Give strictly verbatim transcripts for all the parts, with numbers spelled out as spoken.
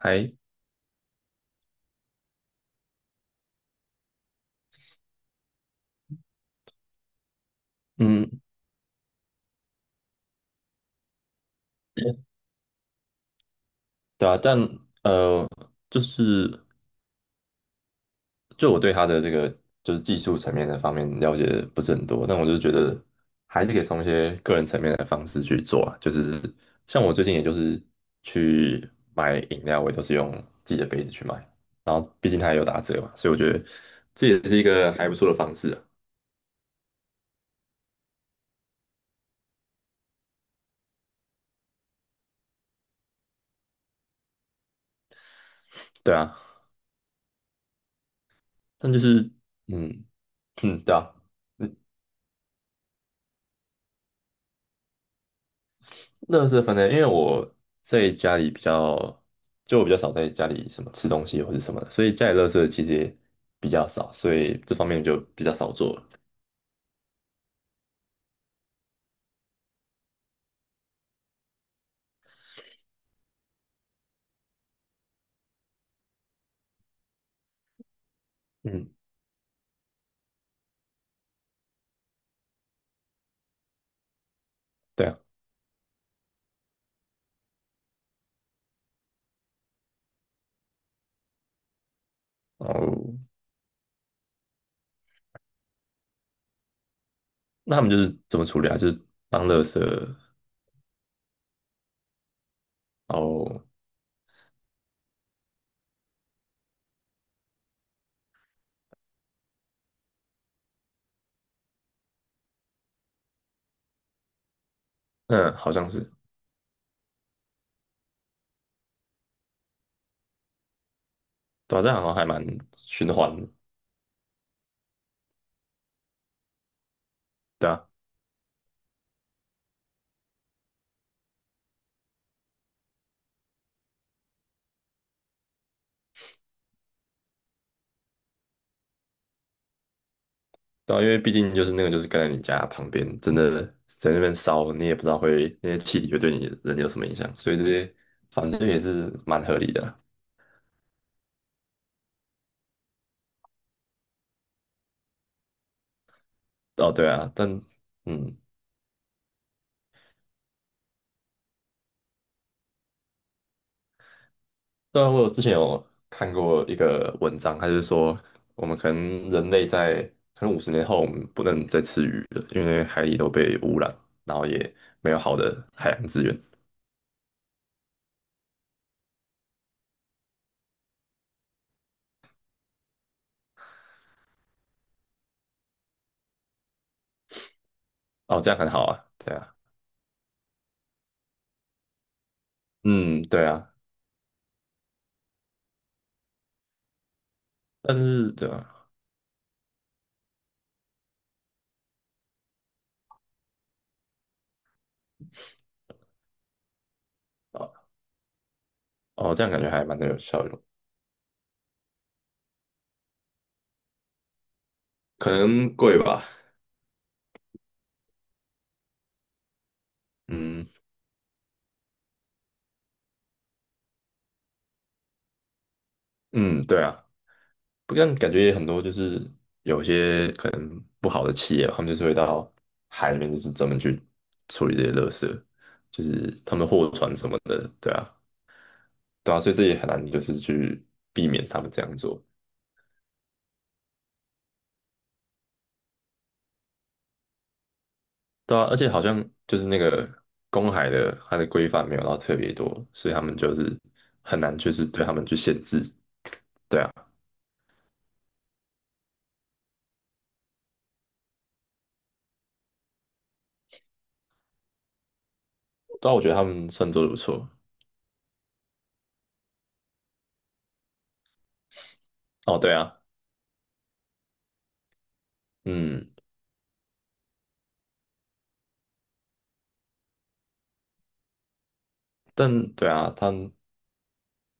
还嗯，对啊，但呃，就是就我对他的这个就是技术层面的方面了解不是很多，但我就觉得还是可以从一些个人层面的方式去做啊，就是像我最近也就是去买饮料，我也都是用自己的杯子去买，然后毕竟它也有打折嘛，所以我觉得这也是一个还不错的方式啊。对啊，但就是嗯嗯，对啊。乐事分类，因为我在家里比较，就我比较少在家里什么吃东西或者什么的，所以家里乐事其实也比较少，所以这方面就比较少做了。嗯，对啊。哦，那他们就是怎么处理啊？就是当乐事，然后嗯，好像是，对啊，这样好像还蛮循环的，对啊。对啊，因为毕竟就是那个就是跟在你家旁边，真的在那边烧，你也不知道会那些气体会对你人有什么影响，所以这些反正也是蛮合理的。哦，对啊，但嗯，对。然我有之前有看过一个文章，它就是说我们可能人类在可能五十年后我们不能再吃鱼了，因为海里都被污染，然后也没有好的海洋资源。哦，这样很好啊，对啊。嗯，对啊，但是对啊。哦，哦，这样感觉还蛮有效用，可能贵吧。嗯嗯，对啊，不但感觉也很多，就是有些可能不好的企业他们就是会到海里面，就是专门去处理这些垃圾，就是他们货船什么的，对啊，对啊，所以这也很难就是去避免他们这样做。对啊，而且好像就是那个公海的它的规范没有到特别多，所以他们就是很难就是对他们去限制。对啊，但我觉得他们算做的不错。哦，对啊，嗯，但对啊，他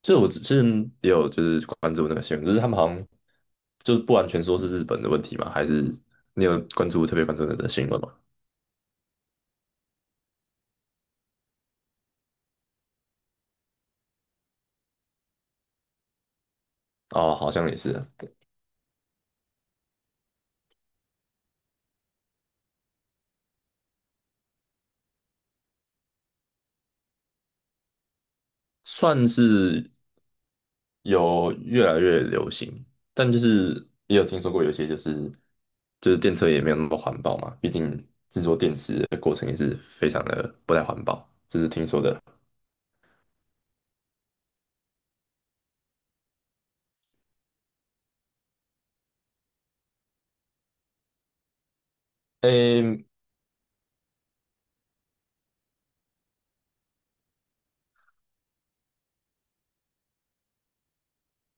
就是我之前也有就是关注那个新闻，就是他们好像就是不完全说是日本的问题嘛，还是你有关注特别关注那个新闻吗？哦，好像也是。算是有越来越流行，但就是也有听说过有些就是就是电车也没有那么环保嘛，毕竟制作电池的过程也是非常的不太环保，这是听说的。诶，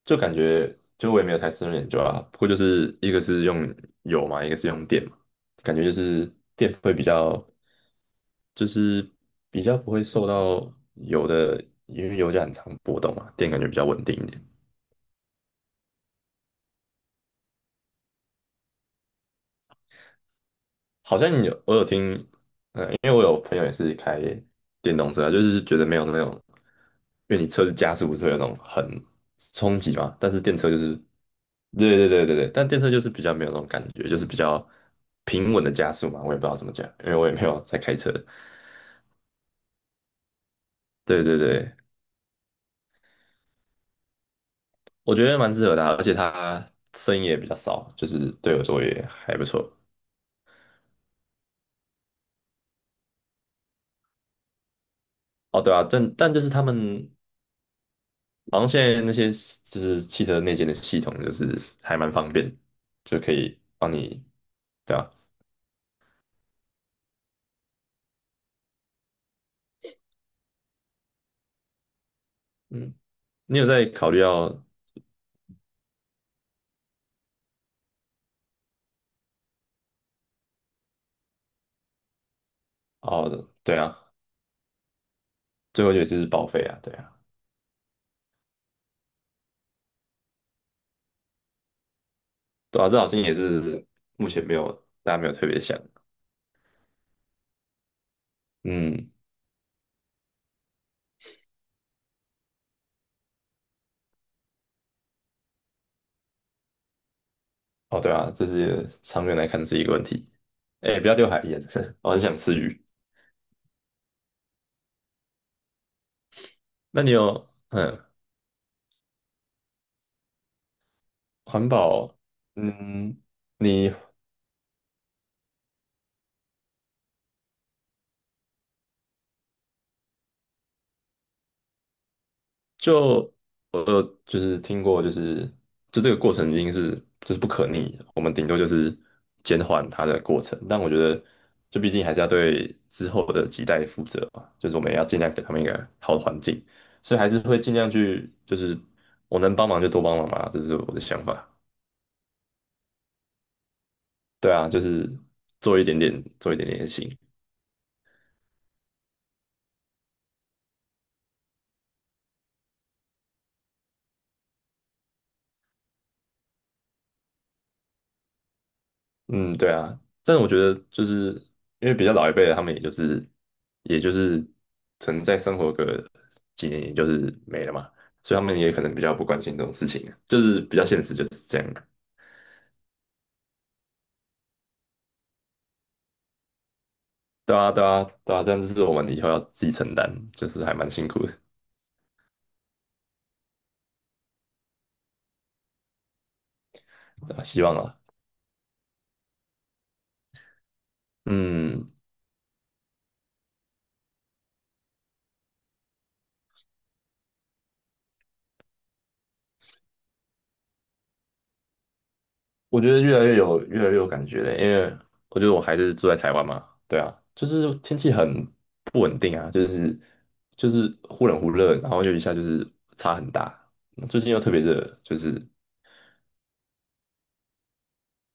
就感觉就我也没有太深入研究啊，不过就是一个是用油嘛，一个是用电嘛，感觉就是电会比较，就是比较不会受到油的，因为油价很长波动嘛，电感觉比较稳定一点。好像有我有听，因为我有朋友也是开电动车啊，就是觉得没有那种，因为你车子加速不是会有那种很冲击嘛，但是电车就是，对对对对对，但电车就是比较没有那种感觉，就是比较平稳的加速嘛，我也不知道怎么讲，因为我也没有在开车。对对对，我觉得蛮适合的啊，而且它声音也比较少，就是对我说也还不错。哦，对啊，但但就是他们好像现在那些就是汽车内建的系统，就是还蛮方便，就可以帮你，对啊。嗯，你有在考虑要。哦，对啊，最后一个是报废啊，对啊。对啊，这好像也是目前没有大家没有特别想。嗯，哦，对啊，这是长远来看是一个问题，哎，不要丢海盐，我很想吃鱼。那你有嗯，环保，嗯，你就我有就是听过，就是就这个过程已经是就是不可逆的，我们顶多就是减缓它的过程。但我觉得，就毕竟还是要对之后的几代负责嘛，就是我们也要尽量给他们一个好的环境，所以还是会尽量去，就是我能帮忙就多帮忙嘛，这是我的想法。对啊，就是做一点点，做一点点也行。嗯，对啊，但是我觉得就是因为比较老一辈的，他们也就是也就是曾在生活个几年，也就是没了嘛，所以他们也可能比较不关心这种事情啊，就是比较现实就是这样啊。对啊，对啊，对啊，这样就是我们以后要自己承担，就是还蛮辛苦的。对啊希望啊。嗯，我觉得越来越有越来越有感觉了，因为我觉得我还是住在台湾嘛，对啊，就是天气很不稳定啊，就是就是忽冷忽热，然后就一下就是差很大，最近又特别热，就是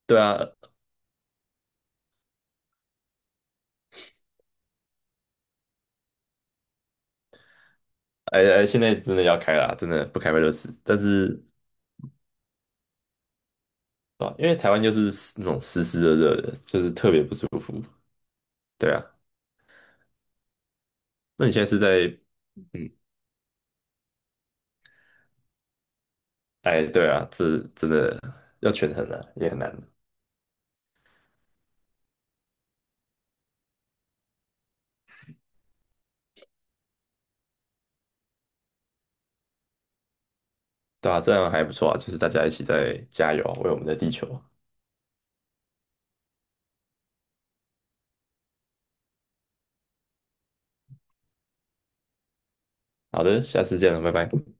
对啊，哎哎，现在真的要开了，真的不开会热死，但是啊，因为台湾就是那种湿湿热热的，就是特别不舒服，对啊。那你现在是在嗯，哎，对啊，这真的要权衡了，也很难。对啊，这样还不错啊，就是大家一起在加油啊为我们的地球啊。好的，下次见了，拜拜。